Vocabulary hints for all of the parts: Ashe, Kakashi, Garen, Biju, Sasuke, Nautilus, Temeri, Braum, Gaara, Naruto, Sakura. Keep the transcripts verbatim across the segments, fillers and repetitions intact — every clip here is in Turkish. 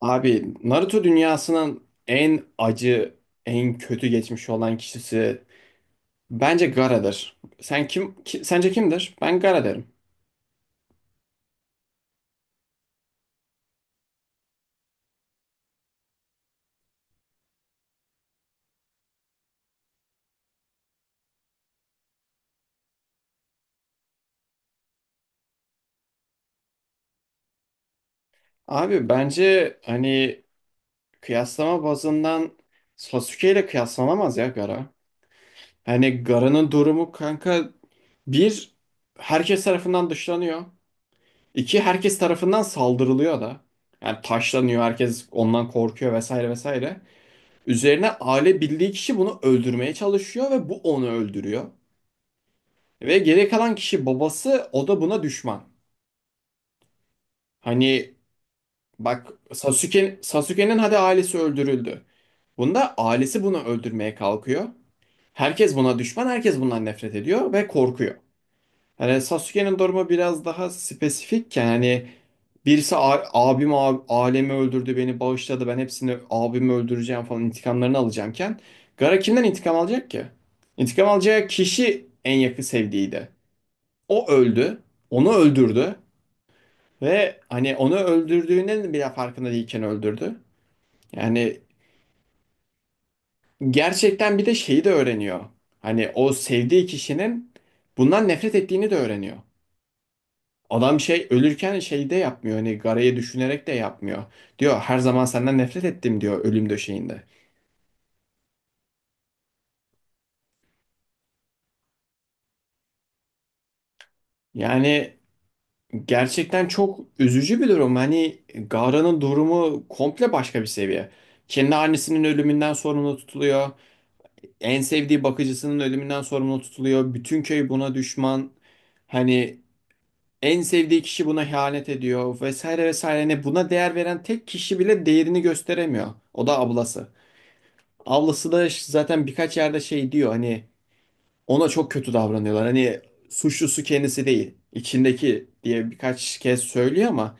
Abi Naruto dünyasının en acı, en kötü geçmiş olan kişisi bence Gaara'dır. Sen kim ki- sence kimdir? Ben Gaara derim. Abi bence hani kıyaslama bazından Sasuke ile kıyaslanamaz ya Gaara. Hani Gaara'nın durumu kanka, bir, herkes tarafından dışlanıyor. İki, herkes tarafından saldırılıyor da. Yani taşlanıyor, herkes ondan korkuyor, vesaire vesaire. Üzerine aile bildiği kişi bunu öldürmeye çalışıyor ve bu onu öldürüyor. Ve geri kalan kişi babası, o da buna düşman. Hani bak, Sasuke, Sasuke'nin hadi ailesi öldürüldü. Bunda ailesi bunu öldürmeye kalkıyor. Herkes buna düşman, herkes bundan nefret ediyor ve korkuyor. Hani Sasuke'nin durumu biraz daha spesifikken hani birisi a- abim a- alemi öldürdü, beni bağışladı, ben hepsini, abimi öldüreceğim falan, intikamlarını alacağımken Gara kimden intikam alacak ki? İntikam alacağı kişi en yakın sevdiğiydi. O öldü, onu öldürdü ve hani onu öldürdüğünün bile farkında değilken öldürdü. Yani gerçekten bir de şeyi de öğreniyor. Hani o sevdiği kişinin bundan nefret ettiğini de öğreniyor. Adam şey ölürken şeyde yapmıyor, hani garaya düşünerek de yapmıyor. Diyor her zaman senden nefret ettim diyor ölüm döşeğinde. Yani gerçekten çok üzücü bir durum. Hani Gara'nın durumu komple başka bir seviye. Kendi annesinin ölümünden sorumlu tutuluyor. En sevdiği bakıcısının ölümünden sorumlu tutuluyor. Bütün köy buna düşman. Hani en sevdiği kişi buna ihanet ediyor, vesaire vesaire. Hani buna değer veren tek kişi bile değerini gösteremiyor. O da ablası. Ablası da ş- zaten birkaç yerde şey diyor, hani ona çok kötü davranıyorlar. Hani suçlusu kendisi değil, içindeki diye birkaç kez söylüyor ama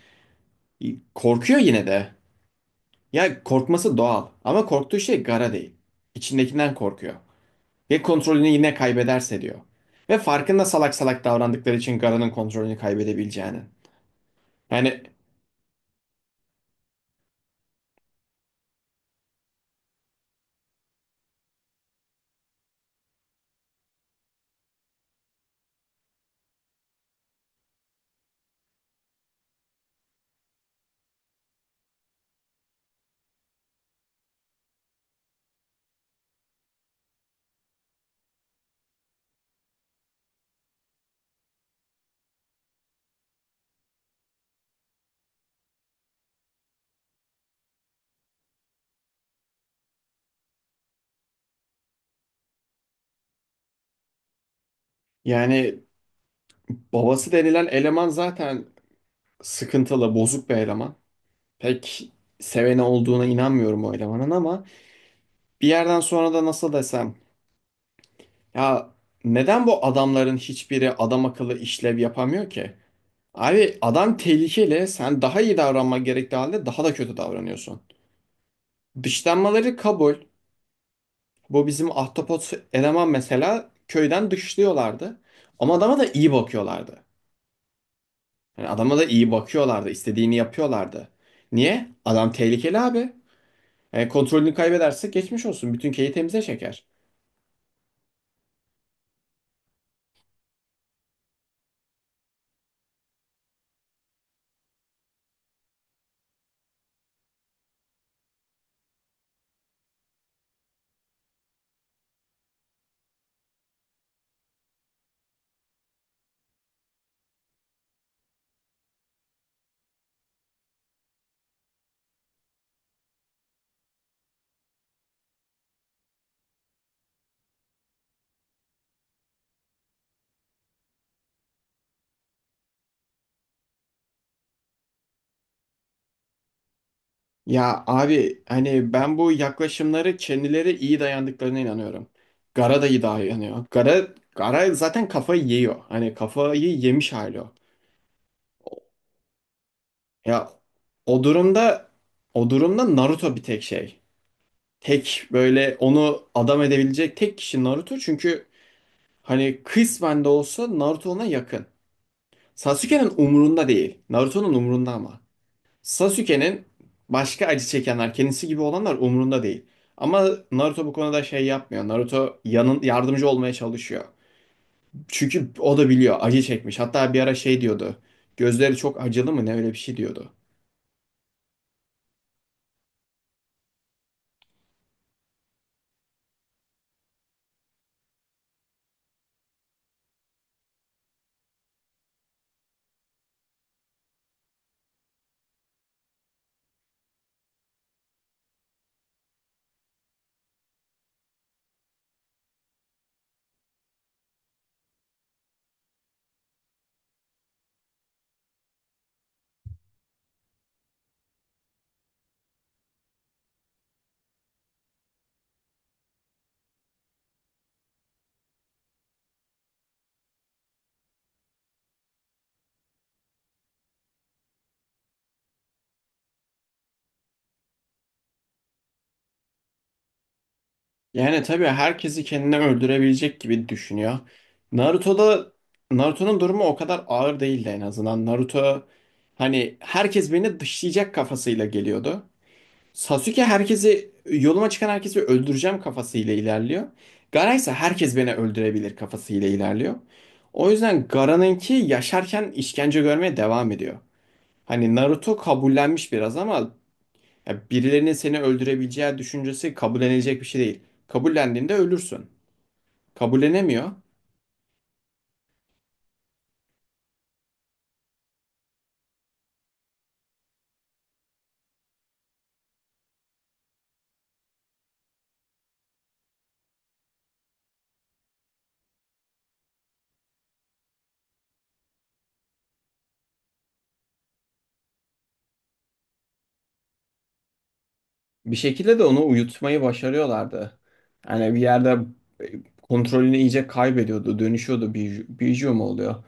korkuyor yine de. Ya korkması doğal ama korktuğu şey gara değil. İçindekinden korkuyor. Ve kontrolünü yine kaybederse diyor. Ve farkında salak salak davrandıkları için Gara'nın kontrolünü kaybedebileceğini. Yani yani babası denilen eleman zaten sıkıntılı, bozuk bir eleman. Pek seveni olduğuna inanmıyorum o elemanın. Ama bir yerden sonra da nasıl desem ya, neden bu adamların hiçbiri adam akıllı işlev yapamıyor ki? Abi adam tehlikeli, sen daha iyi davranman gerektiği halde daha da kötü davranıyorsun. Dışlanmaları kabul. Bu bizim ahtapot eleman mesela, köyden dışlıyorlardı. Ama adama da iyi bakıyorlardı. Yani adama da iyi bakıyorlardı, istediğini yapıyorlardı. Niye? Adam tehlikeli abi. Yani kontrolünü kaybederse geçmiş olsun. Bütün köyü temize çeker. Ya abi hani ben bu yaklaşımları kendileri iyi dayandıklarına inanıyorum. Gara da iyi dayanıyor. Gara, Gara zaten kafayı yiyor. Hani kafayı yemiş hali o. Ya o durumda o durumda Naruto bir tek şey. Tek böyle onu adam edebilecek tek kişi Naruto. Çünkü hani kısmen de olsa Naruto ona yakın. Sasuke'nin umurunda değil. Naruto'nun umurunda ama. Sasuke'nin başka acı çekenler, kendisi gibi olanlar umurunda değil. Ama Naruto bu konuda şey yapmıyor. Naruto yanın yardımcı olmaya çalışıyor. Çünkü o da biliyor, acı çekmiş. Hatta bir ara şey diyordu. Gözleri çok acılı mı ne, öyle bir şey diyordu. Yani tabii herkesi kendine öldürebilecek gibi düşünüyor. Naruto'da Naruto'nun durumu o kadar ağır değildi en azından. Naruto hani herkes beni dışlayacak kafasıyla geliyordu. Sasuke herkesi yoluma çıkan herkesi öldüreceğim kafasıyla ilerliyor. Gaara ise herkes beni öldürebilir kafasıyla ilerliyor. O yüzden Gaara'nınki yaşarken işkence görmeye devam ediyor. Hani Naruto kabullenmiş biraz ama ya birilerinin seni öldürebileceği düşüncesi kabullenilecek bir şey değil. Kabullendiğinde ölürsün. Kabullenemiyor. Bir şekilde de onu uyutmayı başarıyorlardı. Yani bir yerde e, kontrolünü iyice kaybediyordu, dönüşüyordu. Biju, Biju mu oluyor?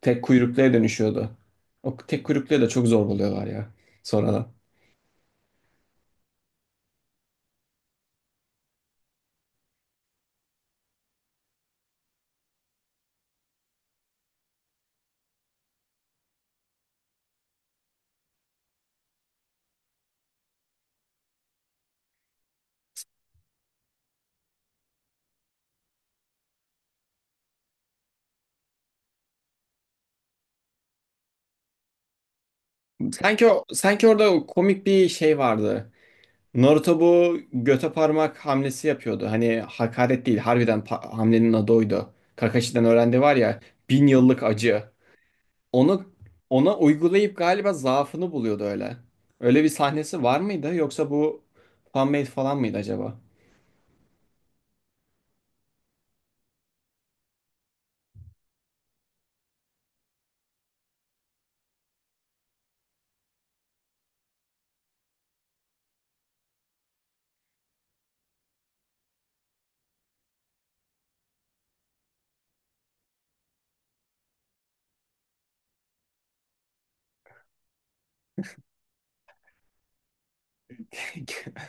Tek kuyrukluya dönüşüyordu. O tek kuyrukluya da çok zor buluyorlar ya sonradan. Sanki o, sanki orada o komik bir şey vardı. Naruto bu göte parmak hamlesi yapıyordu. Hani hakaret değil, harbiden pa- hamlenin adı oydu. Kakashi'den öğrendi var ya, bin yıllık acı. Onu Ona uygulayıp galiba zaafını buluyordu öyle. Öyle bir sahnesi var mıydı, yoksa bu fan-made falan mıydı acaba?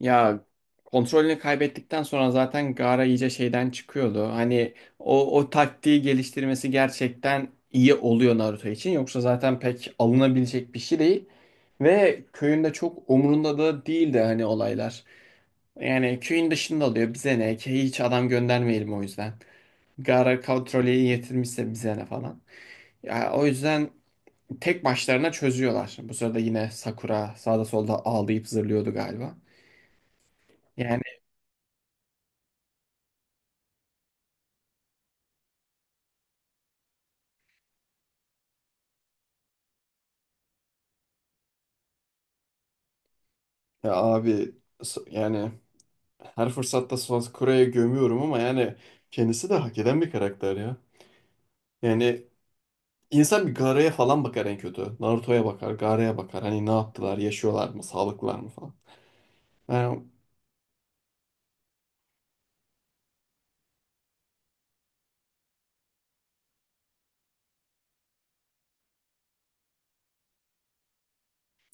Ya kontrolünü kaybettikten sonra zaten Gaara iyice şeyden çıkıyordu. Hani o, o taktiği geliştirmesi gerçekten iyi oluyor Naruto için. Yoksa zaten pek alınabilecek bir şey değil. Ve köyünde çok umurunda da değildi hani olaylar. Yani köyün dışında oluyor, bize ne ki, hiç adam göndermeyelim o yüzden. Gaara kontrolü yetirmişse bize ne falan. Ya, o yüzden tek başlarına çözüyorlar. Bu sırada yine Sakura sağda solda ağlayıp zırlıyordu galiba. Yani. Ya abi, s- yani her fırsatta Suakure'ye gömüyorum ama yani kendisi de hak eden bir karakter ya. Yani insan bir Gaara'ya falan bakar en kötü. Naruto'ya bakar, Gaara'ya bakar. Hani ne yaptılar, yaşıyorlar mı, sağlıklılar mı falan. Yani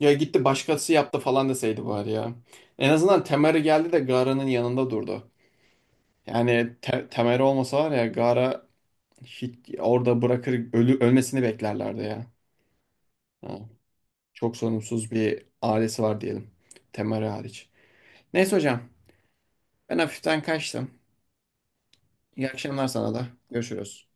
ya, gitti başkası yaptı falan deseydi bari ya. En azından Temeri geldi de Gaara'nın yanında durdu. Yani te Temeri olmasa var ya, Gaara hiç orada bırakır ölü ölmesini beklerlerdi ya. Ha, çok sorumsuz bir ailesi var diyelim. Temeri hariç. Neyse hocam, ben hafiften kaçtım. İyi akşamlar sana da. Görüşürüz.